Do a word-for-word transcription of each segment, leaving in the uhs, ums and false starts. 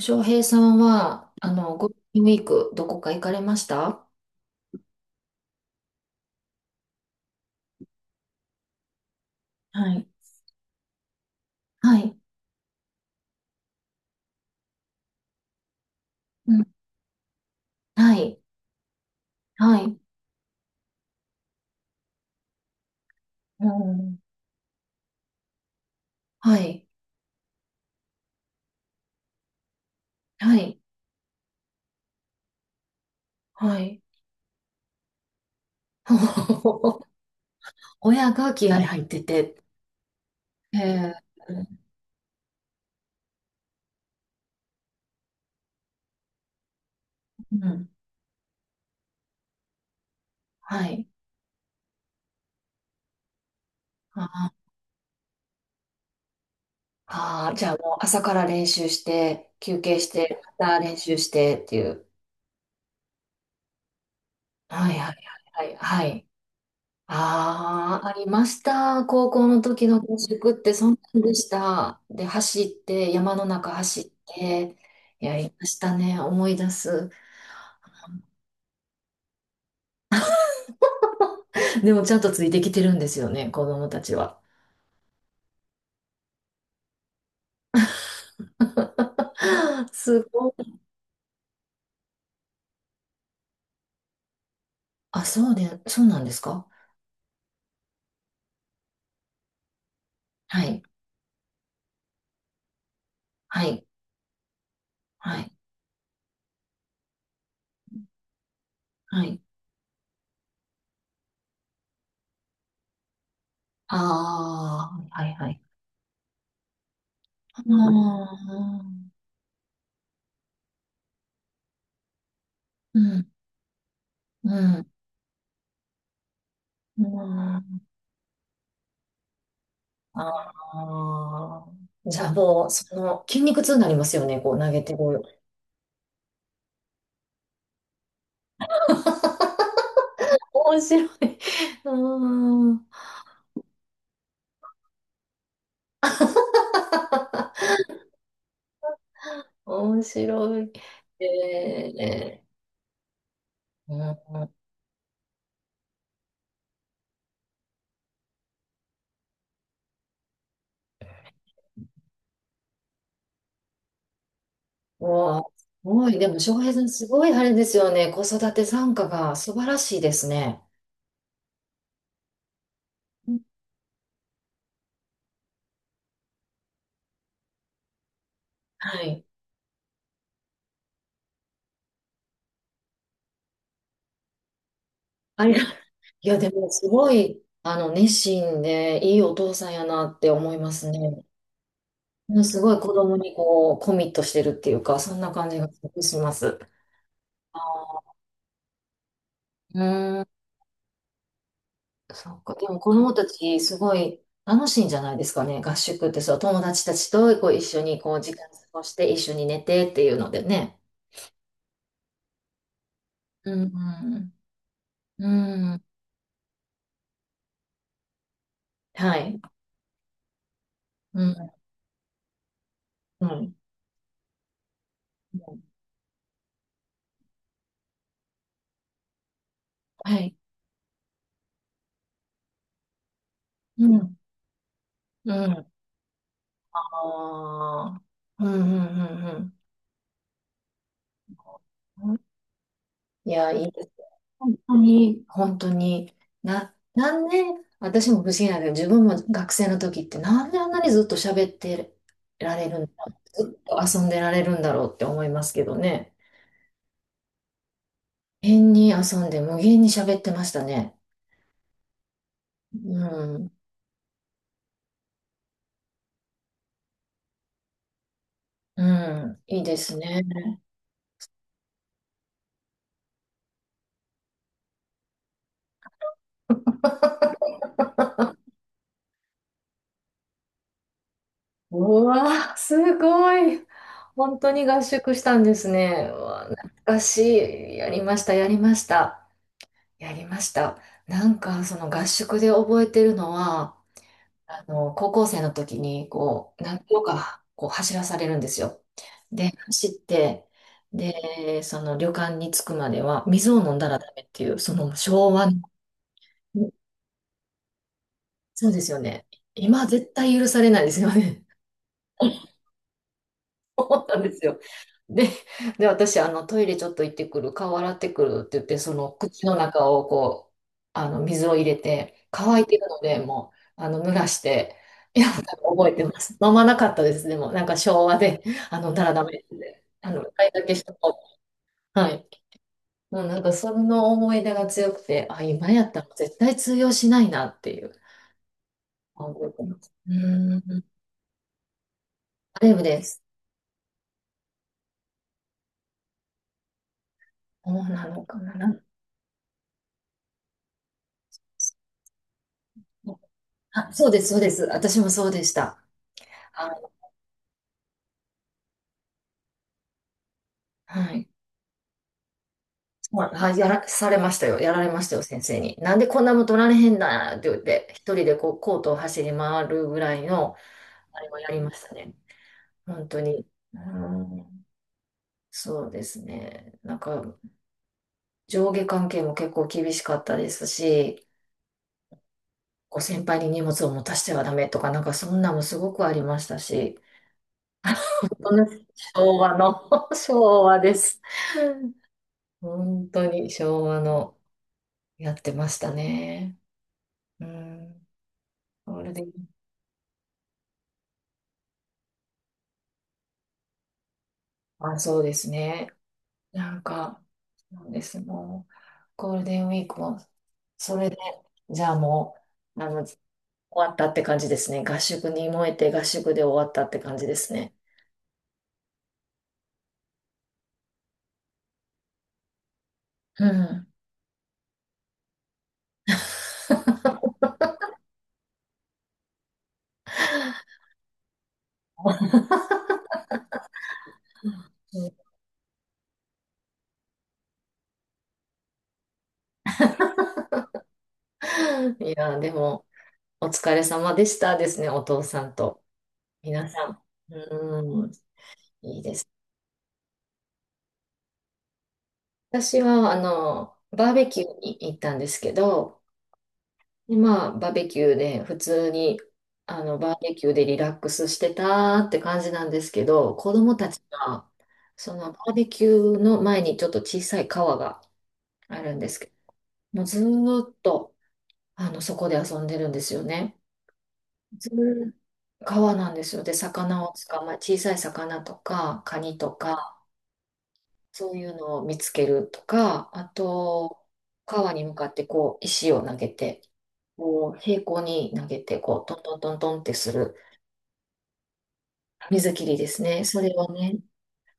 翔平さんは、あの、ゴールデンウィーク、どこか行かれました？はい。はい。うん。はい。はい。うん。はい。はい。はい。親が気合入ってて、えー、うん。はい。ああ、じゃあもう朝から練習して、休憩して、また練習してっていう。はいはいはいはい。はい。ああ、ありました。高校の時の合宿ってそんなんでした。で、走って、山の中走って、やりましたね。思い出す。でもちゃんとついてきてるんですよね、子供たちは。すごい。あ、そうで、そうなんですか？はい、はい、はい、はい。ああ、はい、はい。ああ、うん、うん、うん。ああ。じゃあもう、その、筋肉痛になりますよね、こう投げてる。面白い。うん。面白い。えー、うん。うわ、すごい。でも、翔平さん、すごいあれですよね。子育て参加が素晴らしいですね。はい。ありが、いや、でも、すごい、あの、熱心で、いいお父さんやなって思いますね。うん、すごい子供にこう、コミットしてるっていうか、そんな感じがします。あー、うーん。そうか。でも子供たちすごい楽しいんじゃないですかね。合宿ってそう、友達たちとこう一緒にこう時間過ごして一緒に寝てっていうのでね。うん。うん。うん。はい。うん。うん。はい。うん。うん。ああ。うん。うん。うん。うん。いや、いいですね。本当に、本当に、な、なんで、私も不思議なんだけど、自分も学生の時ってなんであんなにずっと喋ってられるんだ、ずっと遊んでられるんだろうって思いますけどね。変に遊んで無限に喋ってましたね。うん、うん、いいですね。うわー、すごい。本当に合宿したんですね。うわー、懐かしい。やりました、やりました。やりました。なんか、その合宿で覚えてるのは、あの、高校生の時に、こう、何キロか、こう、走らされるんですよ。で、走って、で、その旅館に着くまでは、水を飲んだらダメっていう、その昭和の、そうですよね。今絶対許されないですよね。そうなんですよ。で、で、私、あの、トイレちょっと行ってくる、顔洗ってくるって言って、その口の中をこう、あの、水を入れて、乾いてるので、もう、あの、濡らして、いや、覚えてます。飲まなかったです、でも、なんか昭和で、あの、だらダメで、あの、一回だけしとこう。はい。もうなんか、その思い出が強くて、あ、今やったら絶対通用しないなっていう、覚えてます。うーん、あれです。そうなのかな。あ、そうです、そうです。私もそうでした。あの、はい。そう、はい、やらされましたよ。やられましたよ、先生に。なんでこんなもん取られへんだって言って、一人でこう、コートを走り回るぐらいの、あれもやりましたね。本当に。うん、そうですね。なんか、上下関係も結構厳しかったですし、こう先輩に荷物を持たせてはダメとか、なんかそんなもすごくありましたし、この昭和の、昭和です。本当に昭和のやってましたね。うん、ゴールデン、あ、そうですね。なんか、そうです。もう、ゴールデンウィークも、それで、じゃあもう、あの、終わったって感じですね。合宿に燃えて合宿で終わったって感じですね。うん。うん、いや、でも、お疲れ様でしたですね、お父さんと。皆さん。うん、いいです。私は、あの、バーベキューに行ったんですけど、で、まあ、バーベキューで、普通に、あの、バーベキューでリラックスしてたって感じなんですけど、子供たちが、そのバーベキューの前にちょっと小さい川があるんですけど、もうずーっと、あの、そこで遊んでるんですよね。ずーっと川なんですよ。で、魚を捕まえ、小さい魚とか、カニとか、そういうのを見つけるとか、あと、川に向かってこう、石を投げて、こう、平行に投げて、こう、トントントントンってする水切りですね。それをね、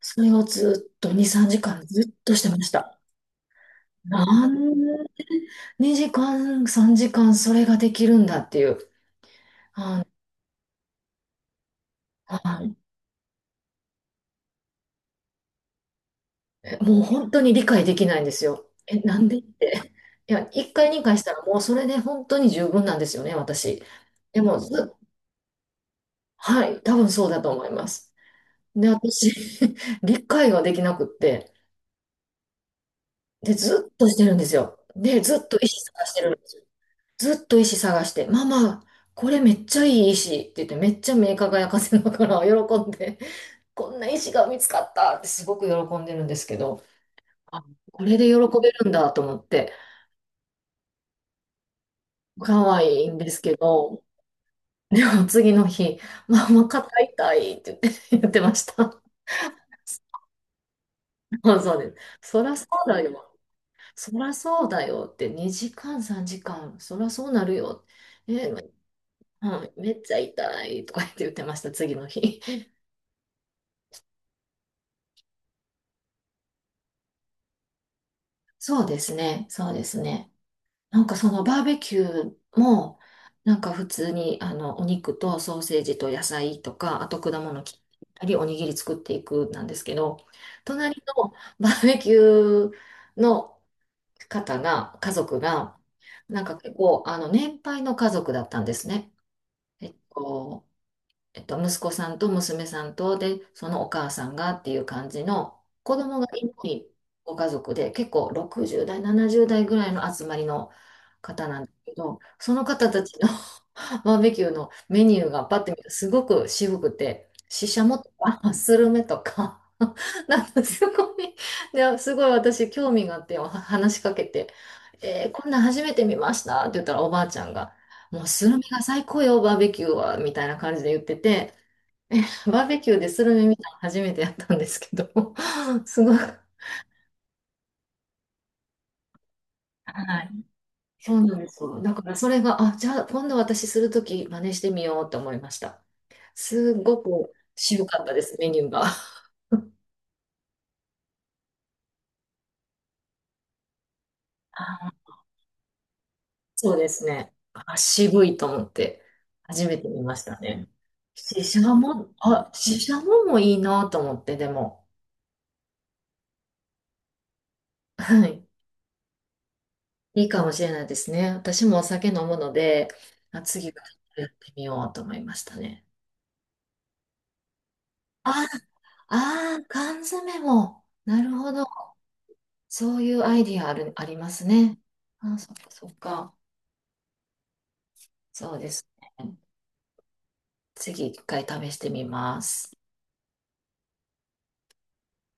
それをずっとに、さんじかんずっとしてました。なんでにじかん、さんじかんそれができるんだっていう。あ、はい、えもう本当に理解できないんですよ。え、なんでって。いや、いっかい、にかいしたらもうそれで本当に十分なんですよね、私。でもずはい、多分そうだと思います。で、私、理解ができなくって、で、ずっとしてるんですよ。で、ずっと石探してるんですよ。ずっと石探して、ママ、これめっちゃいい石って言って、めっちゃ目輝かせながら喜んで、こんな石が見つかったってすごく喜んでるんですけど、あ、これで喜べるんだと思って、可愛いんですけど、でも次の日、ママ肩痛いって言って、言ってました。そうそうです。そらそうだよ。そらそうだよって、にじかん、さんじかん、そらそうなるよ。え、うん、めっちゃ痛いとか言って言ってました、次の日。そうですね、そうですね。なんかそのバーベキューも、なんか普通にあのお肉とソーセージと野菜とか、あと果物切ったり、おにぎり作っていくなんですけど、隣の バーベキューの方が、家族が、なんか結構あの年配の家族だったんですね。えっとえっと、息子さんと娘さんと、で、そのお母さんがっていう感じの、子供がいないご家族で、結構ろくじゅう代、ななじゅう代ぐらいの集まりの方なんですけど、その方たちの バーベキューのメニューがパッて見るとすごく渋くて、ししゃもとか、スルメとか、なんかすごい、ですごい私興味があって話しかけて、えーこんなん初めて見ましたって言ったらおばあちゃんが、もうスルメが最高よ、バーベキューは、みたいな感じで言ってて、バーベキューでスルメ見たの初めてやったんですけど、すごい。はい。そうなんですよ。だからそれが、あ、じゃあ今度私するとき真似してみようと思いました。すごく渋かったです、メニューが。あ、そうですね。あ、渋いと思って、初めて見ましたね。シシャモ、あ、シシャモもいいなと思って、でも。はい。いいかもしれないですね。私もお酒飲むので、あ、次はちょっとやってみようと思いましたね。あ、あー、缶詰も。なるほど。そういうアイディアある、ありますね。あ、そっかそっか。そうですね。次一回試してみます。